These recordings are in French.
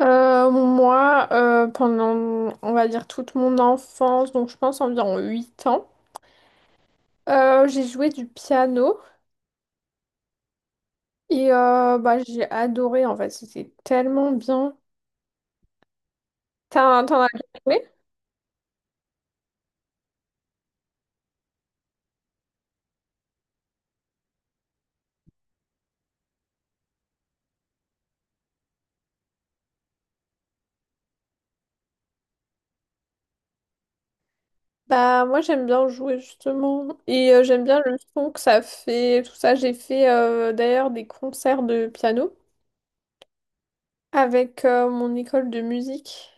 Moi, pendant, on va dire, toute mon enfance, donc je pense environ 8 ans, j'ai joué du piano et bah, j'ai adoré en fait, c'était tellement bien. T'en as bien joué? Bah, moi, j'aime bien jouer justement et j'aime bien le son que ça fait, tout ça. J'ai fait d'ailleurs des concerts de piano avec mon école de musique.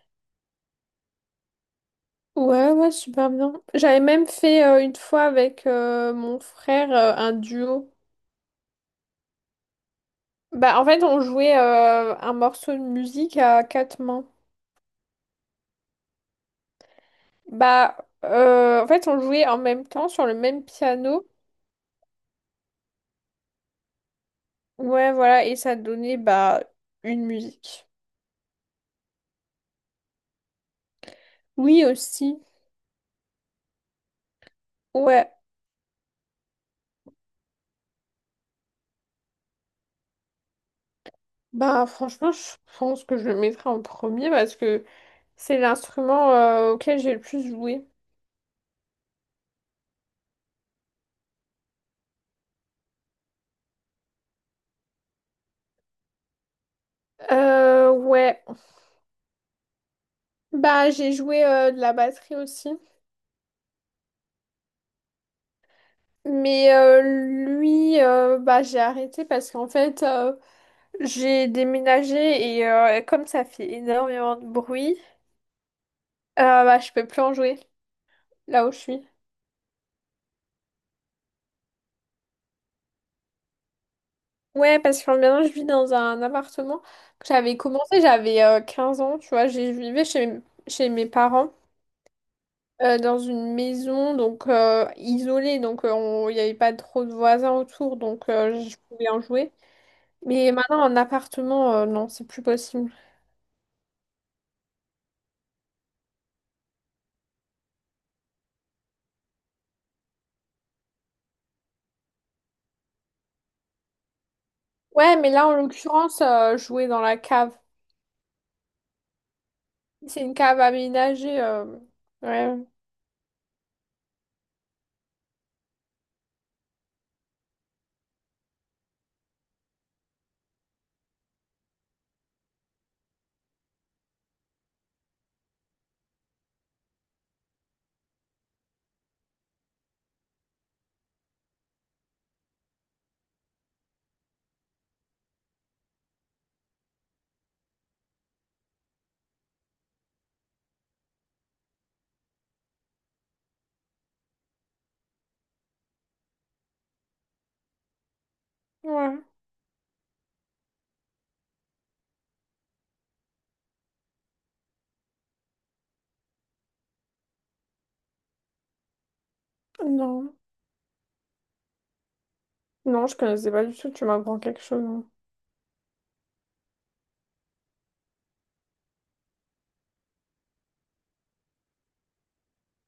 Ouais, ouais, super bien. J'avais même fait une fois avec mon frère un duo. Bah, en fait, on jouait un morceau de musique à quatre mains. Bah, en fait, on jouait en même temps sur le même piano. Ouais, voilà, et ça donnait bah une musique. Oui, aussi. Ouais. Bah, franchement, je pense que je le mettrai en premier parce que c'est l'instrument auquel j'ai le plus joué. Ouais. Bah, j'ai joué de la batterie aussi. Mais bah, j'ai arrêté parce qu'en fait. J'ai déménagé et comme ça fait énormément de bruit, bah, je peux plus en jouer là où je suis. Ouais, parce que maintenant je vis dans un appartement que j'avais commencé, j'avais 15 ans, tu vois, je vivais chez, chez mes parents dans une maison donc isolée, donc il n'y avait pas trop de voisins autour, donc je pouvais en jouer. Mais maintenant en appartement, non, c'est plus possible. Ouais, mais là en l'occurrence, jouer dans la cave. C'est une cave aménagée. Ouais. Ouais. Non, non, je connaissais pas du tout, tu m'apprends quelque chose. Hein.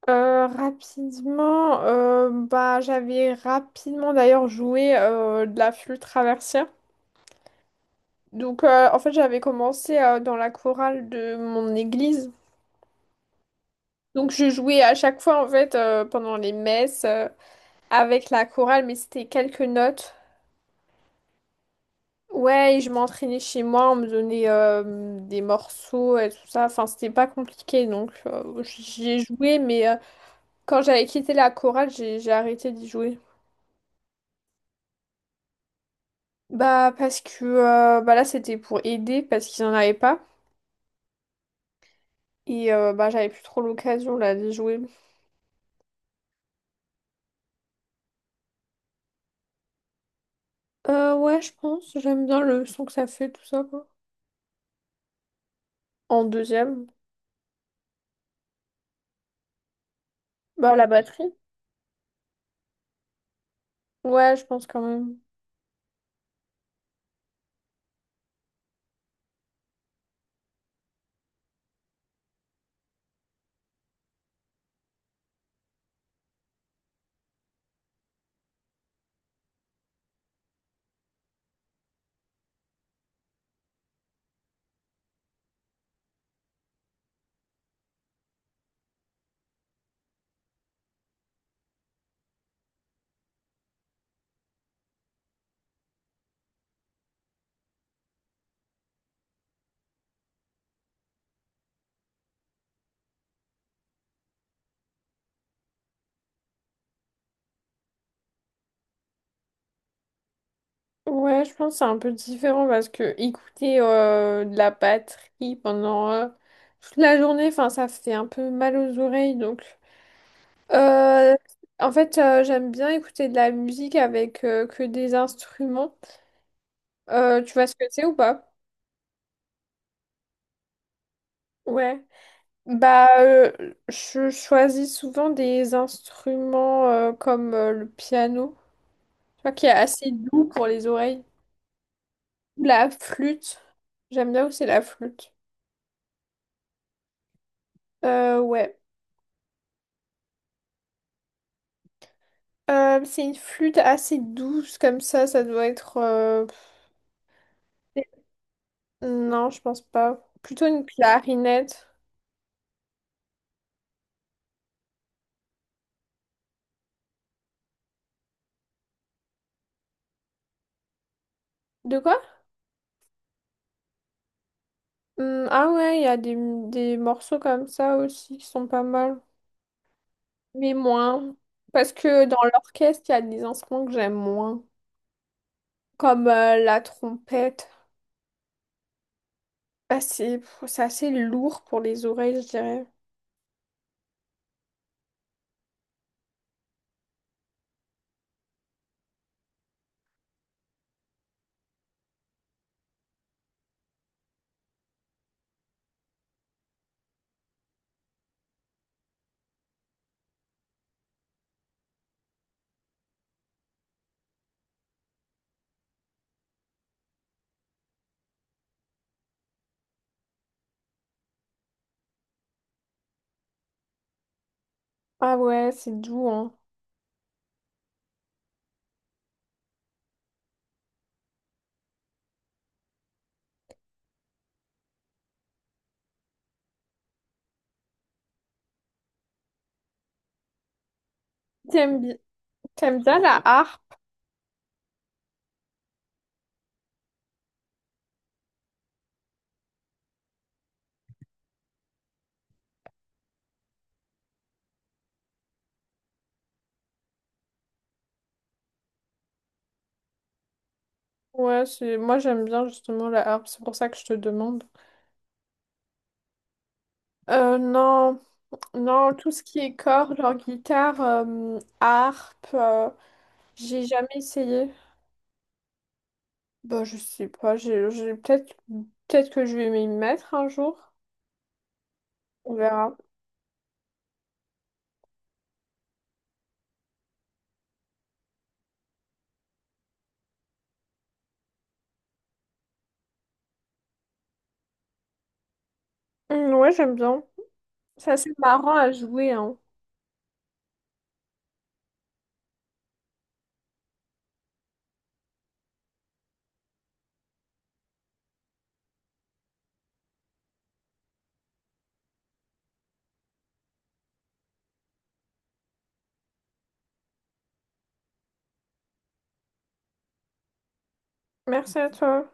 Rapidement, bah, j'avais rapidement d'ailleurs joué de la flûte traversière. Donc, en fait, j'avais commencé dans la chorale de mon église. Donc, je jouais à chaque fois, en fait, pendant les messes avec la chorale, mais c'était quelques notes. Ouais, et je m'entraînais chez moi, on me donnait des morceaux et tout ça. Enfin, c'était pas compliqué, donc j'y ai joué, mais... Quand j'avais quitté la chorale, j'ai arrêté d'y jouer. Bah parce que bah là c'était pour aider parce qu'ils en avaient pas et bah j'avais plus trop l'occasion là d'y jouer. Ouais je pense, j'aime bien le son que ça fait tout ça quoi. En deuxième, bah la batterie. Ouais je pense quand même. Ouais je pense que c'est un peu différent parce que écouter de la batterie pendant toute la journée, enfin ça fait un peu mal aux oreilles donc. Euh, En fait, j'aime bien écouter de la musique avec que des instruments. Tu vois ce que c'est ou pas? Ouais. Bah, je choisis souvent des instruments comme le piano, tu vois, qui est assez doux pour les oreilles. La flûte. J'aime bien aussi la flûte. Ouais. C'est une flûte assez douce comme ça, ça doit être... Non, je pense pas. Plutôt une clarinette. De quoi? Ah ouais, il y a des morceaux comme ça aussi qui sont pas mal, mais moins. Parce que dans l'orchestre, il y a des instruments que j'aime moins, comme la trompette. Ah, c'est assez lourd pour les oreilles, je dirais. Ah ouais, c'est doux, hein. T'aimes bi- T'aimes bien la harpe? Ouais, c'est moi j'aime bien justement la harpe, c'est pour ça que je te demande. Euh, non, non, tout ce qui est cordes, genre guitare, harpe, j'ai jamais essayé. Bah, je sais pas, peut-être, peut-être que je vais m'y mettre un jour. On verra. Ouais, j'aime bien. C'est assez marrant à jouer, hein. Merci à toi.